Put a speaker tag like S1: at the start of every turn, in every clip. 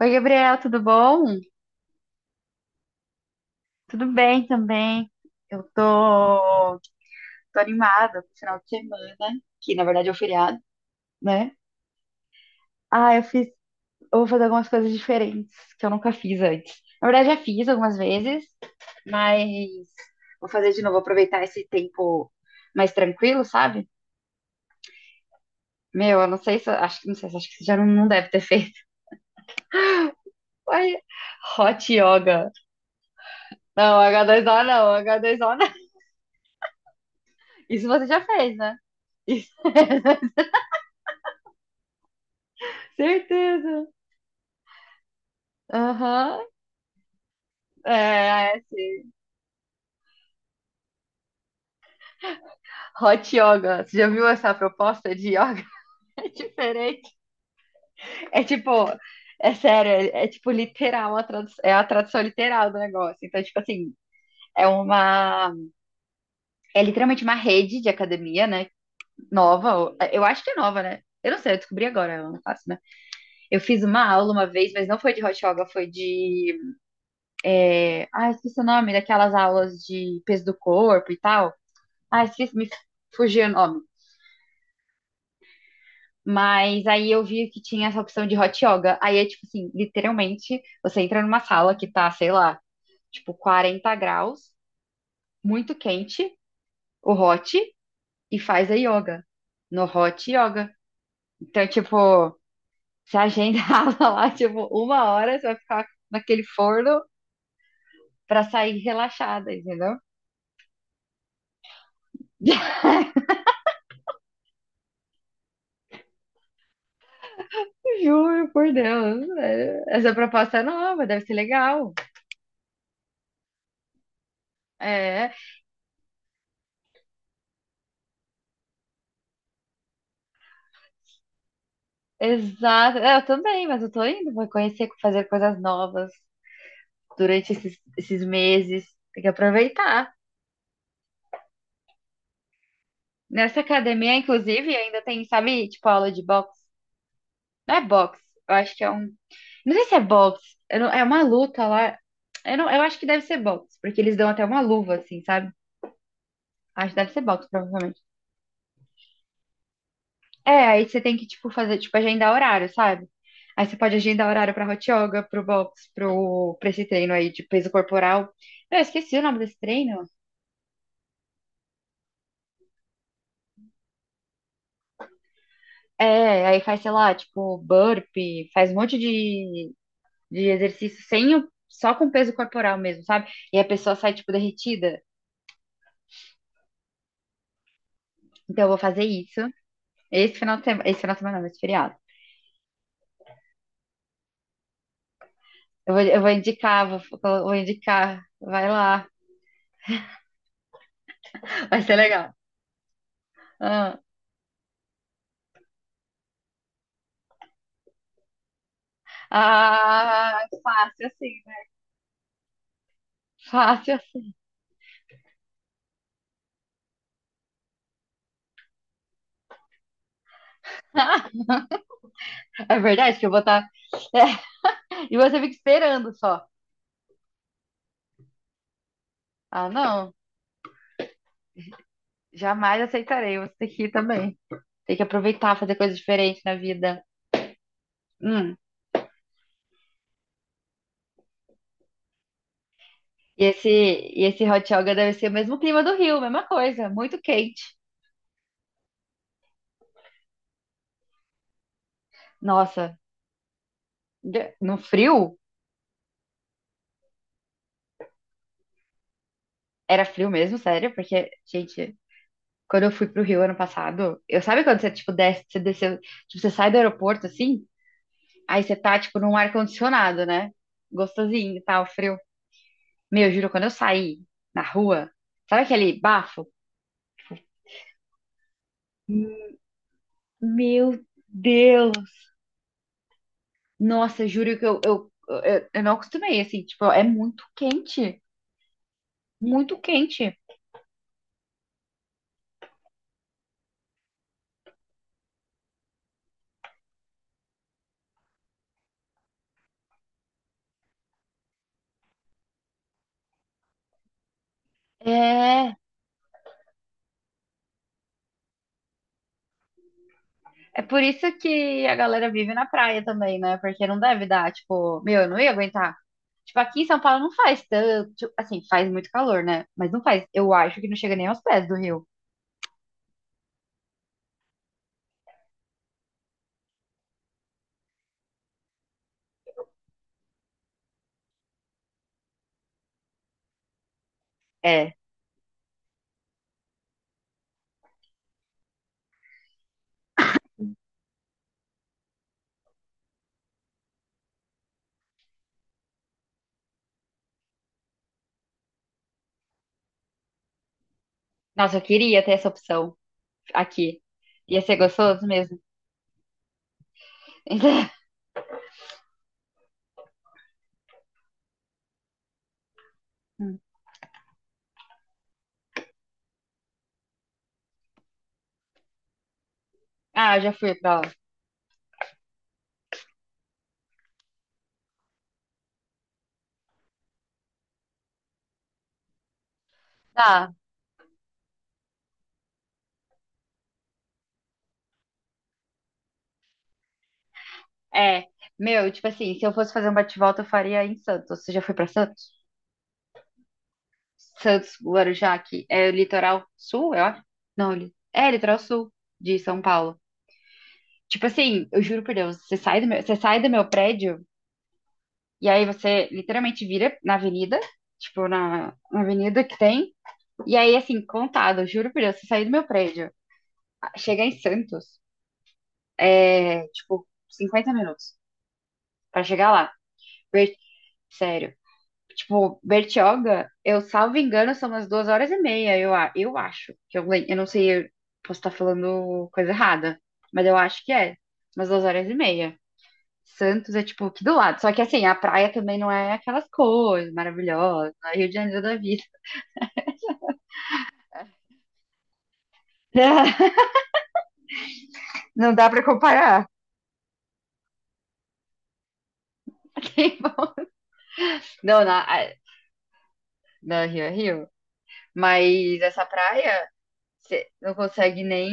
S1: Oi, Gabriel, tudo bom? Tudo bem também. Eu tô animada pro final de semana, que na verdade é o feriado, né? Ah, eu vou fazer algumas coisas diferentes que eu nunca fiz antes. Na verdade, já fiz algumas vezes, mas vou fazer de novo, aproveitar esse tempo mais tranquilo, sabe? Meu, eu não sei se, acho que não sei, acho que você já não deve ter feito. Ai, hot yoga. Não, H2O não, H2O não. Isso você já fez, né? Certeza. Aham, é, esse hot yoga. Você já viu essa proposta de yoga? É diferente. É tipo, é sério, é tipo literal, a é a tradução literal do negócio. Então, tipo assim, é uma, é literalmente uma rede de academia, né? Nova, eu acho que é nova, né? Eu não sei, eu descobri agora, eu não faço, né? Eu fiz uma aula uma vez, mas não foi de hot yoga, foi de, ah, esqueci o nome, daquelas aulas de peso do corpo e tal. Ah, esqueci, me fugiu o nome. Mas aí eu vi que tinha essa opção de hot yoga. Aí é tipo assim, literalmente, você entra numa sala que tá, sei lá, tipo 40 graus, muito quente, o hot, e faz a yoga. No hot yoga. Então, tipo, você agenda aula lá, tipo, uma hora, você vai ficar naquele forno pra sair relaxada, entendeu? Juro, por Deus. É, essa proposta é nova, deve ser legal. É, exato. É, eu também, mas eu tô indo, vou conhecer, fazer coisas novas durante esses meses. Tem que aproveitar. Nessa academia, inclusive, ainda tem, sabe, tipo, aula de boxe. Não é boxe, eu acho que é um. Não sei se é boxe, eu não- é uma luta lá. Eu, não, eu acho que deve ser boxe, porque eles dão até uma luva, assim, sabe? Acho que deve ser boxe, provavelmente. É, aí você tem que, tipo, fazer, tipo, agendar horário, sabe? Aí você pode agendar horário pra hot yoga, pro boxe, pra esse treino aí de peso corporal. Eu esqueci o nome desse treino. É, aí faz, sei lá, tipo, burpee, faz um monte de exercício sem o, só com peso corporal mesmo, sabe? E a pessoa sai, tipo, derretida. Então, eu vou fazer isso esse final de semana, esse final de semana, não, esse feriado. Eu vou indicar, vou indicar, vai lá, vai ser legal. Ah, ah, fácil assim, né? Fácil assim. É verdade que eu vou estar. É, e você fica esperando só. Ah, não, jamais aceitarei. Você tem que ir também. Tem que aproveitar, fazer coisas diferentes na vida. Hum. E esse hot yoga deve ser o mesmo clima do Rio, mesma coisa, muito quente. Nossa, no frio, era frio mesmo, sério, porque, gente, quando eu fui pro Rio ano passado, eu sabe quando você, tipo, desce, você desceu, tipo, você sai do aeroporto, assim, aí você tá, tipo, num ar-condicionado, né? Gostosinho e tal, frio. Meu, juro, quando eu saí na rua, sabe aquele bafo? Meu Deus! Nossa, juro que eu não acostumei, assim, tipo, é muito quente, muito quente. É, é por isso que a galera vive na praia também, né? Porque não deve dar, tipo, meu, eu não ia aguentar. Tipo, aqui em São Paulo não faz tanto, tipo, assim, faz muito calor, né? Mas não faz, eu acho que não chega nem aos pés do rio. É, nossa, eu queria ter essa opção aqui. Ia ser gostoso mesmo. Ah, eu já fui pra lá. Ah, é, meu, tipo assim, se eu fosse fazer um bate-volta, eu faria em Santos. Você já foi pra Santos? Santos, Guarujá, que é o litoral sul, eu acho. Não, é litoral sul de São Paulo. Tipo assim, eu juro por Deus, você sai do meu prédio e aí você literalmente vira na avenida, tipo na avenida que tem, e aí assim, contado, eu juro por Deus, você sair do meu prédio, chegar em Santos, é tipo 50 minutos pra chegar lá. Ver- Sério. Tipo, Bertioga, eu salvo engano, são umas 2 horas e meia, eu acho. Eu não sei, eu posso estar falando coisa errada, mas eu acho que é umas 2 horas e meia. Santos é tipo aqui do lado. Só que assim, a praia também não é aquelas coisas maravilhosas, não é Rio de Janeiro da vida. Não dá pra comparar. Não, na, a- na Rio é Rio. Mas essa praia, você não consegue nem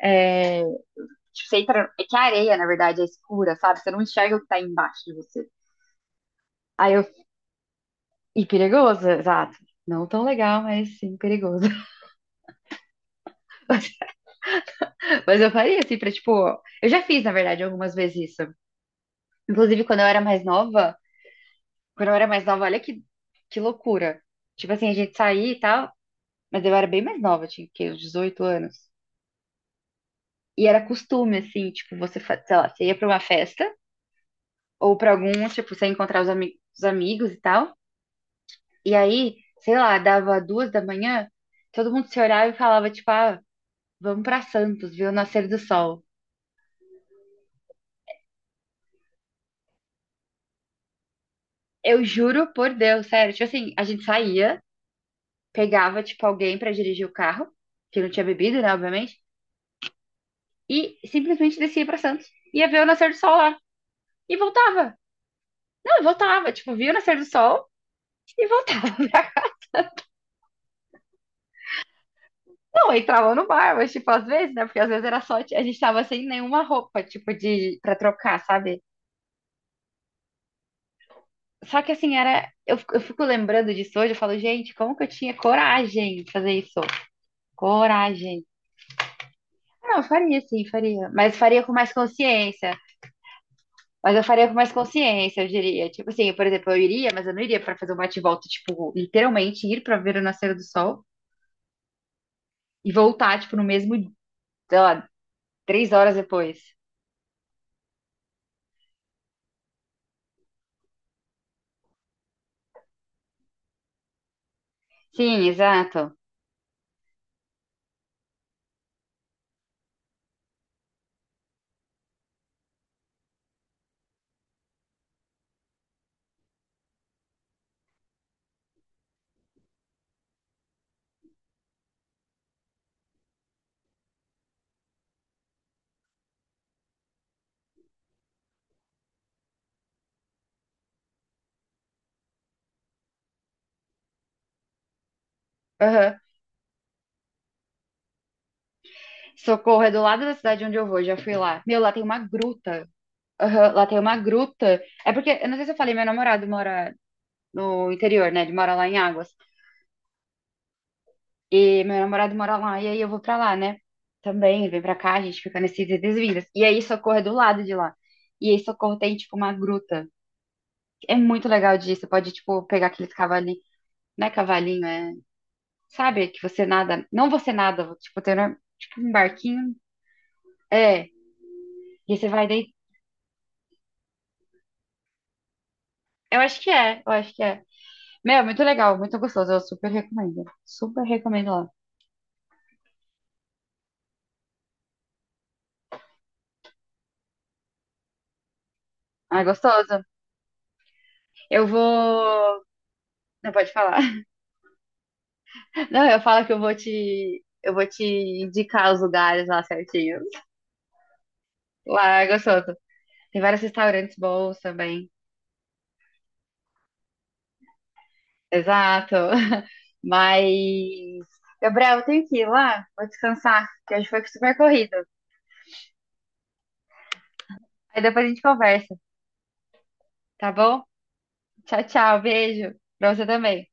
S1: é, tipo, você entra. É que a areia, na verdade, é escura, sabe? Você não enxerga o que tá embaixo de você. Aí eu. E perigoso, exato. Não tão legal, mas sim perigoso. Mas eu faria assim, pra tipo. Eu já fiz, na verdade, algumas vezes isso. Inclusive, quando eu era mais nova. Quando eu era mais nova, olha que loucura. Tipo assim, a gente saía e tal. Mas eu era bem mais nova, tinha que quê? Uns 18 anos. E era costume, assim, tipo, você, sei lá, você ia pra uma festa ou pra alguns, tipo, você ia encontrar os, os amigos e tal. E aí, sei lá, dava 2 da manhã, todo mundo se olhava e falava, tipo, ah, vamos pra Santos, ver o nascer do sol. Eu juro por Deus, sério. Tipo assim, a gente saía, pegava, tipo, alguém pra dirigir o carro, que não tinha bebido, né, obviamente, e simplesmente descia pra Santos. Ia ver o nascer do sol lá. E voltava. Não, voltava. Tipo, via o nascer do sol e voltava. Não, entrava no bar, mas, tipo, às vezes, né? Porque às vezes era só. A gente tava sem nenhuma roupa, tipo, de, pra trocar, sabe? Só que assim, era. Eu fico lembrando disso hoje, eu falo, gente, como que eu tinha coragem de fazer isso? Coragem. Não, eu faria sim, faria. Mas faria com mais consciência. Mas eu faria com mais consciência, eu diria. Tipo assim, por exemplo, eu iria, mas eu não iria pra fazer um bate-volta, tipo, literalmente ir pra ver o nascer do sol e voltar, tipo, no mesmo, sei lá, 3 horas depois. Sim, exato. Aham. Socorro é do lado da cidade onde eu vou, já fui lá. Meu, lá tem uma gruta. Aham, lá tem uma gruta. É porque, eu não sei se eu falei, meu namorado mora no interior, né? Ele mora lá em Águas. E meu namorado mora lá, e aí eu vou pra lá, né? Também, vem pra cá, a gente fica nesses idas e vindas. E aí Socorro é do lado de lá. E aí Socorro tem, tipo, uma gruta. É muito legal disso. Você pode, tipo, pegar aqueles cavalinhos. Não é cavalinho, é. Sabe? Que você nada. Não você nada, tipo, tem um, tipo, um barquinho. É. E você vai deitar. Eu acho que é. Meu, é muito legal, muito gostoso. Eu super recomendo. Super recomendo lá. Ah, é gostoso. Eu vou. Não pode falar. Não, eu falo que eu vou te. Eu vou te indicar os lugares lá certinho. Lá é gostoso. Tem vários restaurantes bons também. Exato. Mas. Gabriel, eu tenho que ir lá. Vou descansar, que hoje foi super corrido. Aí depois a gente conversa, tá bom? Tchau, tchau. Beijo. Pra você também.